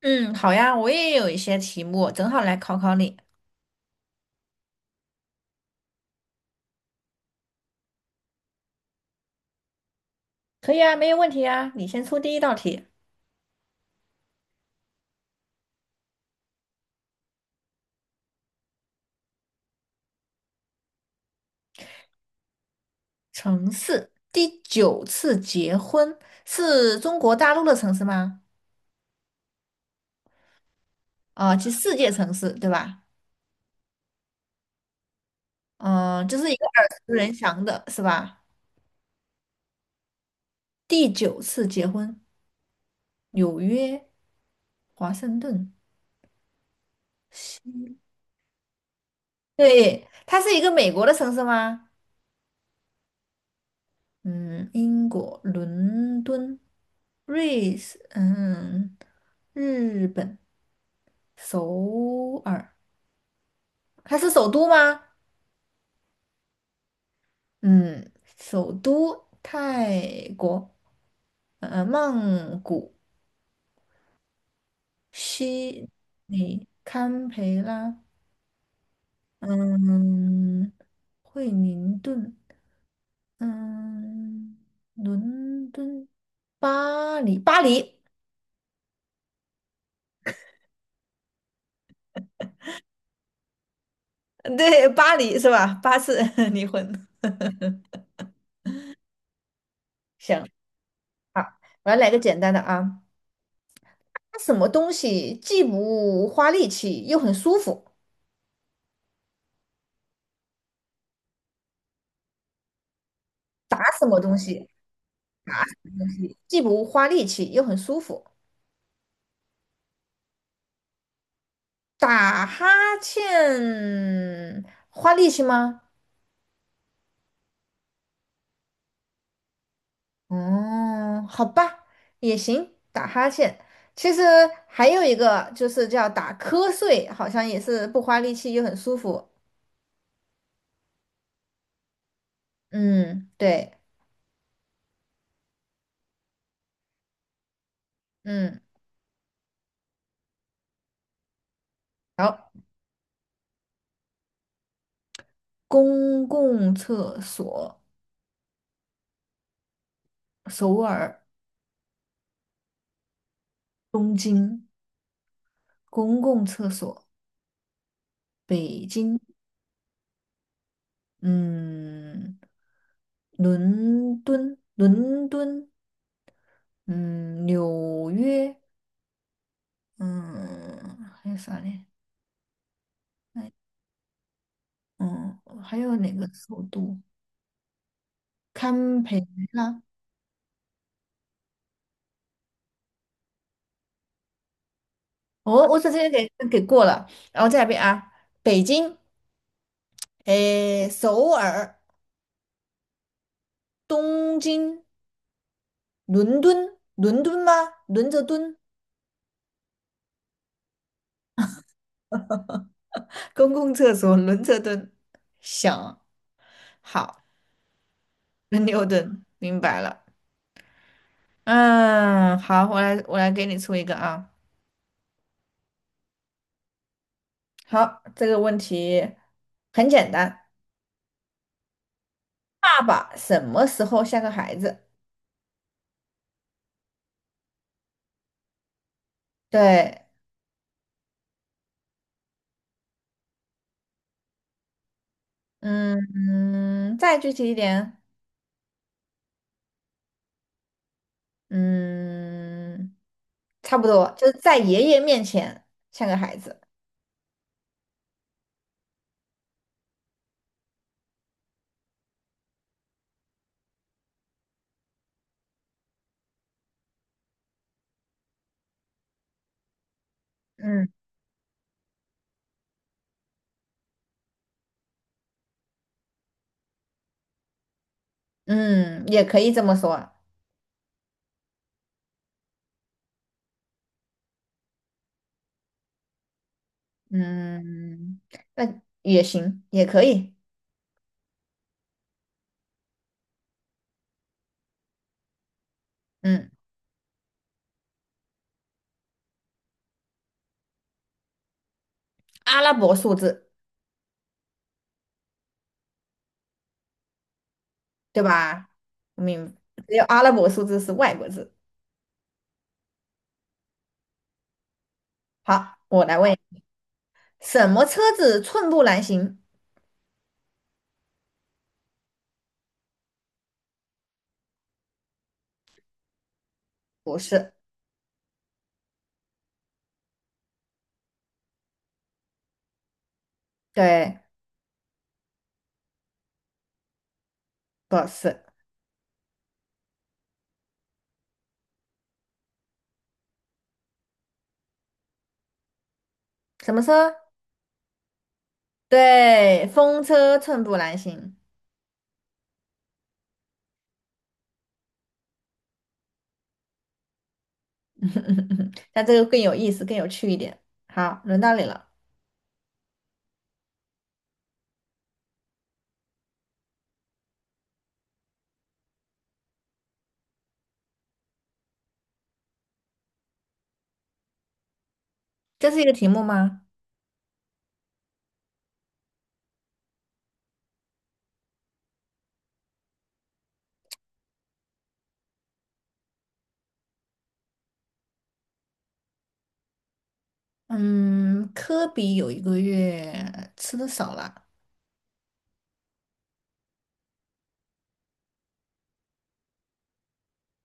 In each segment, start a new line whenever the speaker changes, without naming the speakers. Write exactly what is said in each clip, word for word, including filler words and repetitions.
嗯，好呀，我也有一些题目，正好来考考你。可以啊，没有问题啊。你先出第一道题。城市第九次结婚是中国大陆的城市吗？啊、其实世界城市对吧？嗯、这是一个耳熟能详的，是吧？第九次结婚，纽约、华盛顿，西，对，它是一个美国的城市吗？嗯，英国伦敦，瑞士，嗯，日本首尔，它是首都吗？嗯，首都泰国，呃，曼谷，悉尼，堪培拉，嗯，惠灵顿，嗯，伦敦，巴黎，巴黎，对，巴黎是吧？巴士 离婚。行。好，我要来个简单的啊，打什么东西既不花力气又很舒服？打什么东西？打既不花力气又很舒服？打哈欠花力气吗？嗯，好吧，也行，打哈欠。其实还有一个就是叫打瞌睡，好像也是不花力气又很舒服。嗯，对，嗯，好，公共厕所，首尔，东京。公共厕所，北京，嗯，伦敦，伦敦，嗯，纽约，嗯，还有啥嘞？哎，嗯，还有哪个首都？堪培拉。哦，我直接给给过了，然后再来一遍啊，北京，诶，首尔，东京，伦敦，伦敦吗？轮着蹲，公共厕所轮着蹲，想，好。牛顿，明白了。嗯，好，我来我来给你出一个啊。好，这个问题很简单，爸爸什么时候像个孩子？对，嗯嗯，再具体一点，嗯，差不多，就是在爷爷面前像个孩子。嗯嗯，也可以这么说。嗯，那也行，也可以。嗯，阿拉伯数字。对吧？明，只有阿拉伯数字是外国字。好，我来问，什么车子寸步难行？不是，对，不是，什么车？对，风车寸步难行。那这个更有意思，更有趣一点。好，轮到你了，这是一个题目吗？嗯，科比有一个月吃的少了。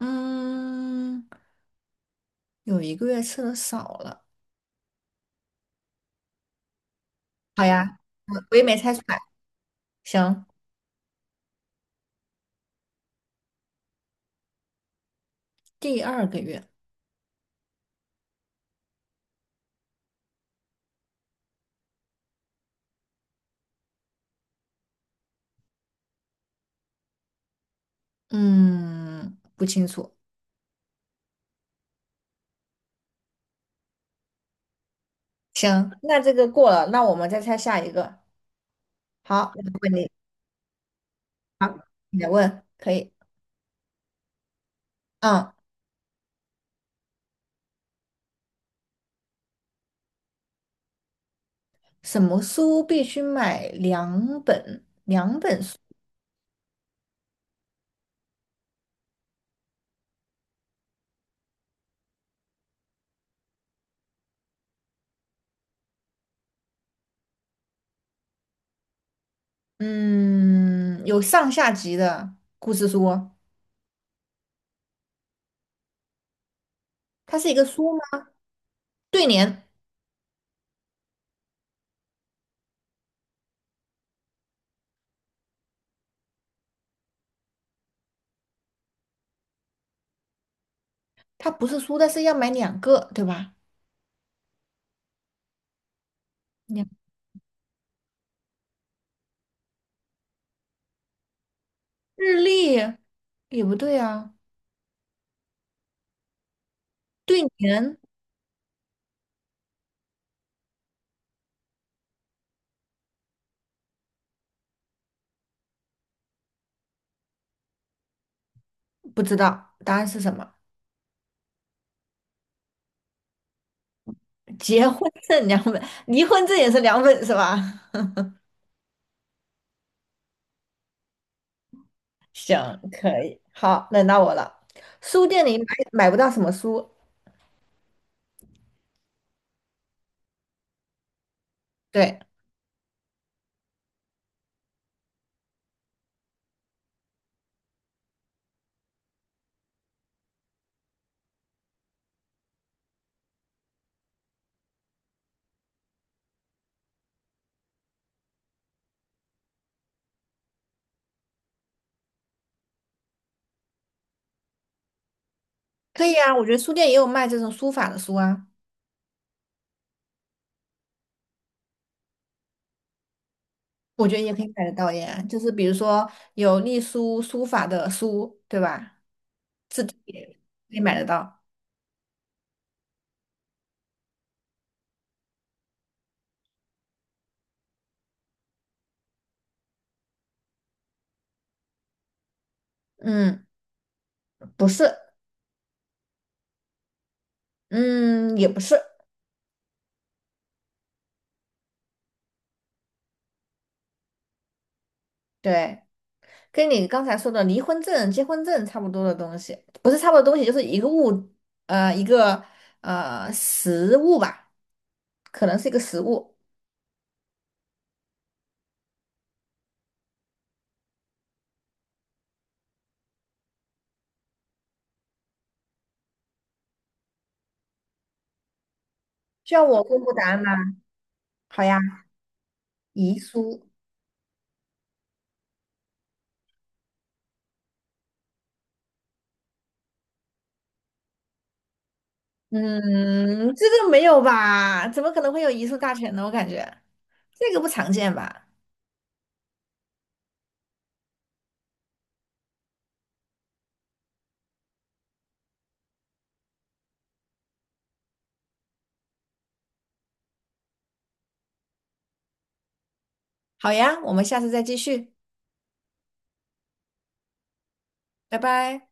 嗯，有一个月吃的少了。好呀，我我也没猜出来。行，第二个月。嗯，不清楚。行，那这个过了，那我们再猜下一个。好，我问你，好，你来问，可以。嗯，什么书必须买两本？两本书？嗯，有上下集的故事书哦，它是一个书吗？对联，它不是书，但是要买两个，对吧？两日历也不对啊，对联不知道答案是什么？结婚证两本，离婚证也是两本是吧？行，可以，好，轮到我了。书店里买买不到什么书？对，可以啊，我觉得书店也有卖这种书法的书啊，我觉得也可以买得到耶。就是比如说有隶书、书法的书，对吧？可以买得到。嗯，不是，嗯，也不是，对，跟你刚才说的离婚证、结婚证差不多的东西，不是差不多的东西，就是一个物，呃，一个呃实物吧，可能是一个实物。需要我公布答案吗？好呀。遗书，嗯，这个没有吧？怎么可能会有遗书大全呢？我感觉这个不常见吧。好呀，我们下次再继续，拜拜。